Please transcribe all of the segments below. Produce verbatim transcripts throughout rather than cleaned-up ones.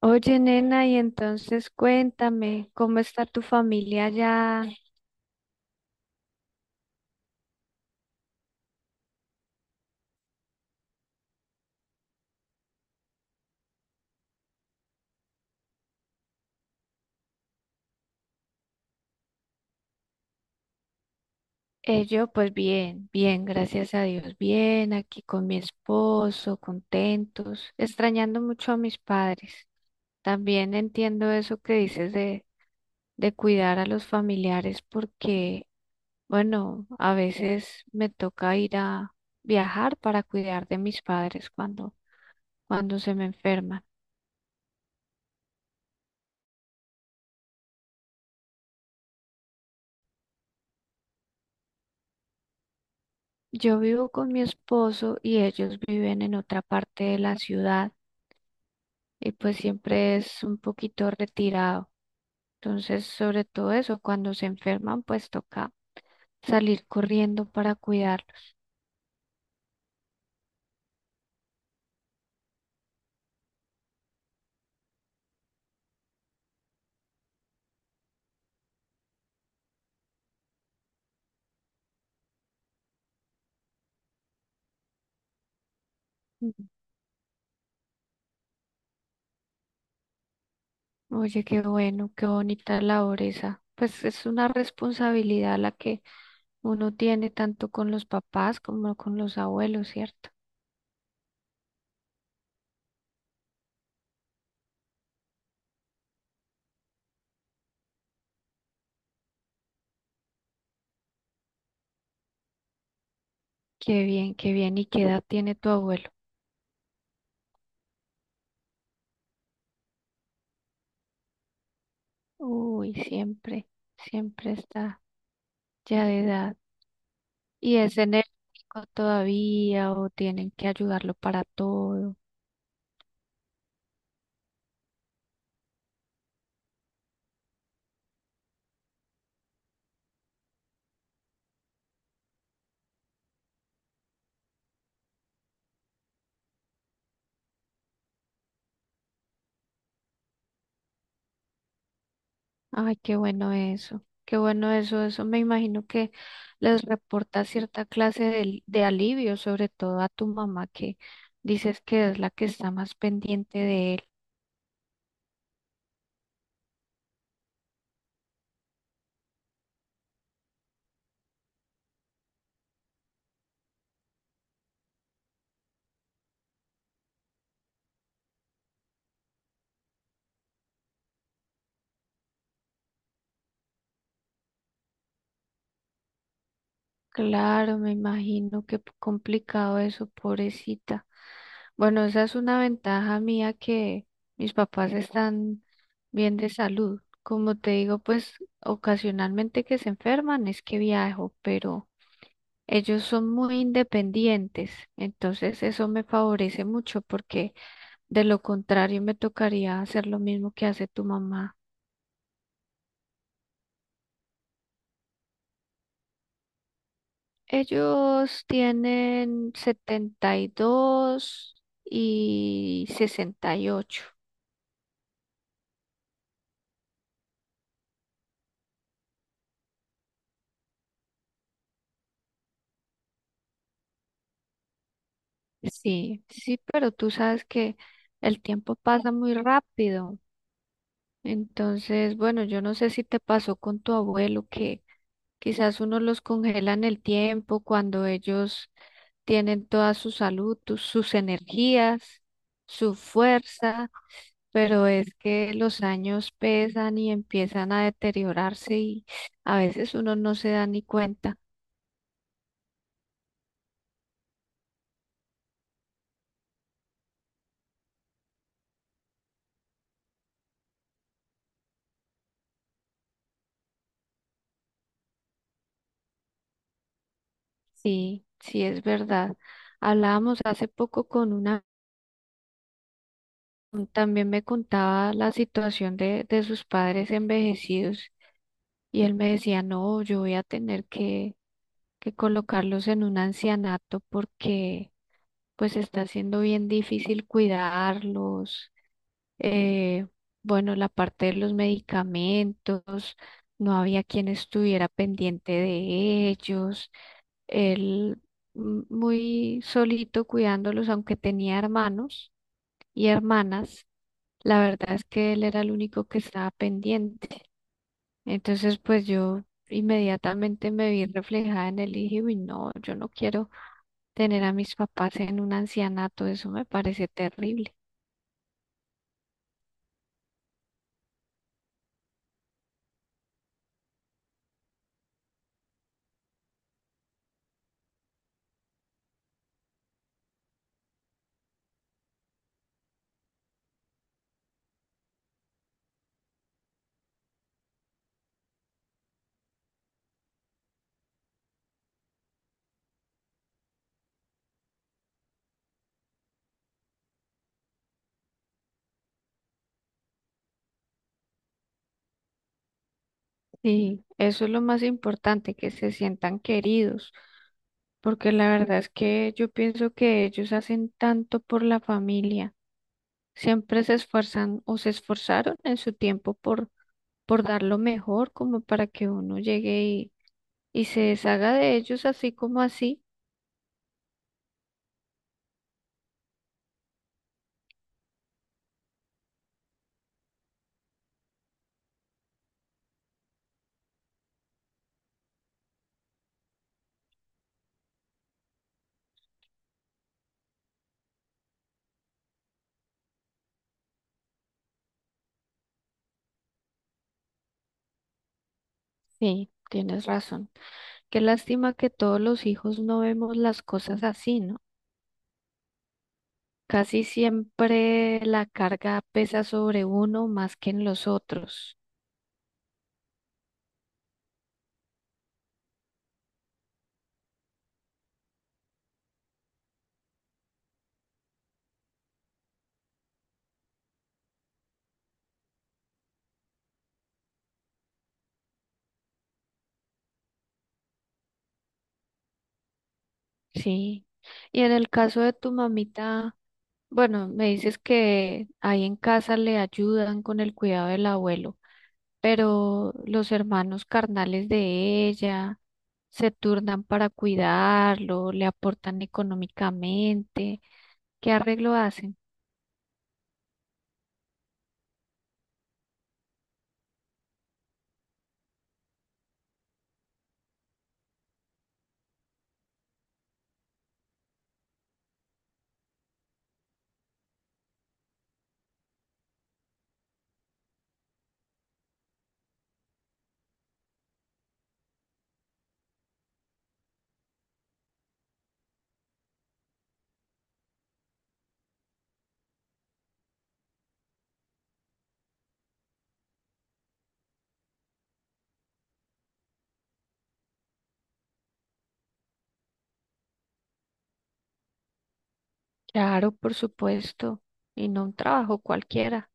Oye, nena, y entonces cuéntame, ¿cómo está tu familia allá? Eh, yo, pues bien, bien, gracias a Dios, bien, aquí con mi esposo, contentos, extrañando mucho a mis padres. También entiendo eso que dices de, de cuidar a los familiares porque, bueno, a veces me toca ir a viajar para cuidar de mis padres cuando, cuando se me enferman. Yo vivo con mi esposo y ellos viven en otra parte de la ciudad y pues siempre es un poquito retirado. Entonces, sobre todo eso, cuando se enferman, pues toca salir corriendo para cuidarlos. Mm. Oye, qué bueno, qué bonita labor esa. Pues es una responsabilidad la que uno tiene tanto con los papás como con los abuelos, ¿cierto? Qué bien, qué bien. ¿Y qué edad tiene tu abuelo? Uy, siempre, siempre está ya de edad. ¿Y es enérgico todavía o tienen que ayudarlo para todo? Ay, qué bueno eso. Qué bueno eso. Eso me imagino que les reporta cierta clase de, de alivio, sobre todo a tu mamá, que dices que es la que está más pendiente de él. Claro, me imagino qué p- complicado eso, pobrecita. Bueno, esa es una ventaja mía, que mis papás están bien de salud. Como te digo, pues ocasionalmente que se enferman es que viajo, pero ellos son muy independientes, entonces eso me favorece mucho porque de lo contrario me tocaría hacer lo mismo que hace tu mamá. Ellos tienen setenta y dos y y sesenta y ocho. Sí, sí, pero tú sabes que el tiempo pasa muy rápido. Entonces, bueno, yo no sé si te pasó con tu abuelo, que quizás uno los congela en el tiempo cuando ellos tienen toda su salud, tu- sus energías, su fuerza. Pero es que los años pesan y empiezan a deteriorarse y a veces uno no se da ni cuenta. Sí, sí es verdad. Hablábamos hace poco con una, también me contaba la situación de, de sus padres envejecidos, y él me decía, no, yo voy a tener que, que colocarlos en un ancianato porque pues está siendo bien difícil cuidarlos, eh, bueno, la parte de los medicamentos, no había quien estuviera pendiente de ellos, él, mm, muy solito cuidándolos, aunque tenía hermanos y hermanas, la verdad es que él era el único que estaba pendiente. Entonces, pues yo inmediatamente me vi reflejada en él y dije, uy, no, yo no quiero tener a mis papás en un ancianato, eso me parece terrible. Sí, eso es lo más importante, que se sientan queridos, porque la verdad es que yo pienso que ellos hacen tanto por la familia, siempre se esfuerzan o se esforzaron en su tiempo por, por dar lo mejor, como para que uno llegue y, y se deshaga de ellos así como así. Sí, tienes razón. Qué lástima que todos los hijos no vemos las cosas así, ¿no? Casi siempre la carga pesa sobre uno más que en los otros. Sí. Y en el caso de tu mamita, bueno, me dices que ahí en casa le ayudan con el cuidado del abuelo, pero los hermanos carnales de ella se turnan para cuidarlo, le aportan económicamente. ¿Qué arreglo hacen? Claro, por supuesto, y no un trabajo cualquiera.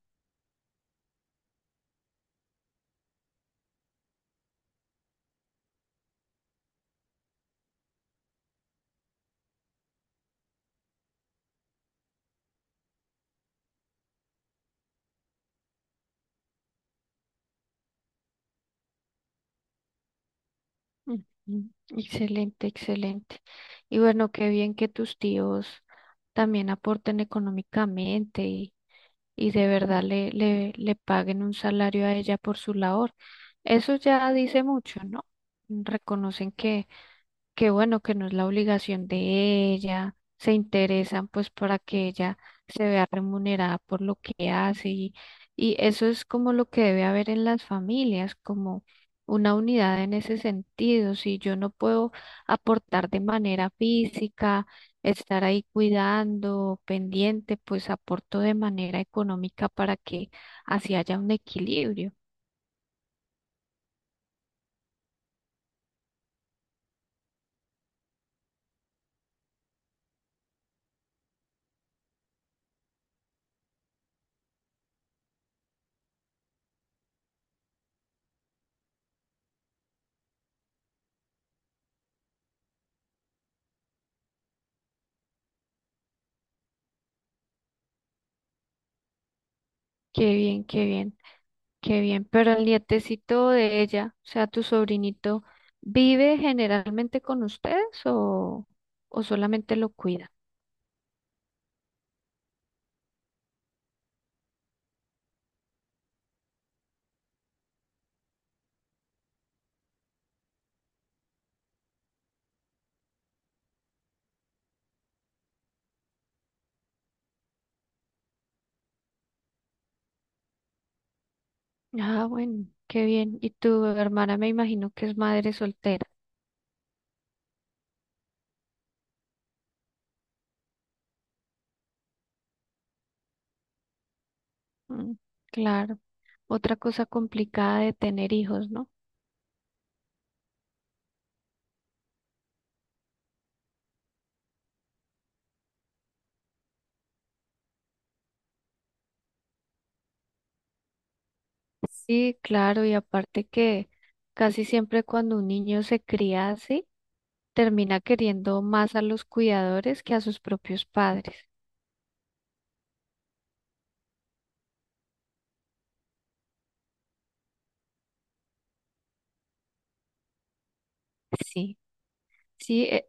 Ujú. Excelente, excelente. Y bueno, qué bien que tus tíos también aporten económicamente y de verdad le, le, le paguen un salario a ella por su labor. Eso ya dice mucho, ¿no? Reconocen que qué bueno que no es la obligación de ella, se interesan pues para que ella se vea remunerada por lo que hace y, y eso es como lo que debe haber en las familias, como una unidad en ese sentido. Si yo no puedo aportar de manera física, estar ahí cuidando, pendiente, pues aporto de manera económica para que así haya un equilibrio. Qué bien, qué bien. Qué bien, pero el nietecito de ella, o sea, tu sobrinito, ¿vive generalmente con ustedes o, o solamente lo cuida? Ah, bueno, qué bien. Y tu hermana me imagino que es madre soltera. Mm, claro, otra cosa complicada de tener hijos, ¿no? Sí, claro, y aparte que casi siempre cuando un niño se cría así, termina queriendo más a los cuidadores que a sus propios padres. Sí, sí, e-.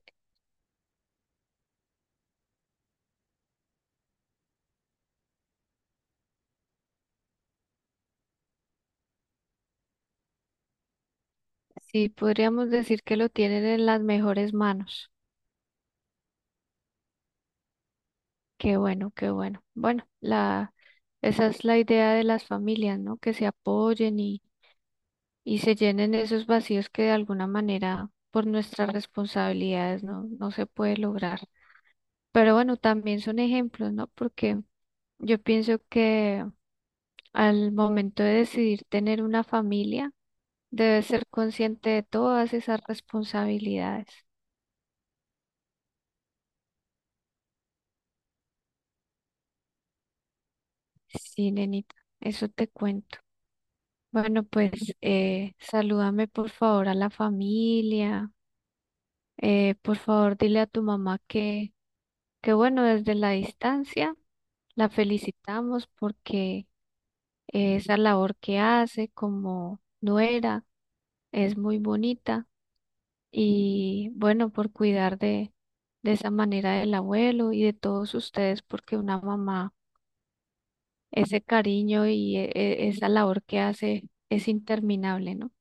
Sí, podríamos decir que lo tienen en las mejores manos. Qué bueno, qué bueno. Bueno, la, esa es la idea de las familias, ¿no? Que se apoyen y, y se llenen esos vacíos que de alguna manera por nuestras responsabilidades no, no se puede lograr. Pero bueno, también son ejemplos, ¿no? Porque yo pienso que al momento de decidir tener una familia, debes ser consciente de todas esas responsabilidades. Sí, nenita, eso te cuento. Bueno, pues eh, salúdame por favor a la familia. Eh, por favor, dile a tu mamá que, que bueno, desde la distancia la felicitamos porque eh, esa labor que hace como nuera es muy bonita y bueno, por cuidar de, de esa manera del abuelo y de todos ustedes, porque una mamá, ese cariño y e- e- esa labor que hace es interminable, ¿no?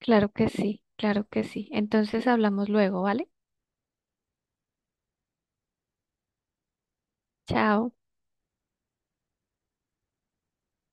Claro que sí, claro que sí. Entonces hablamos luego, ¿vale? Chao.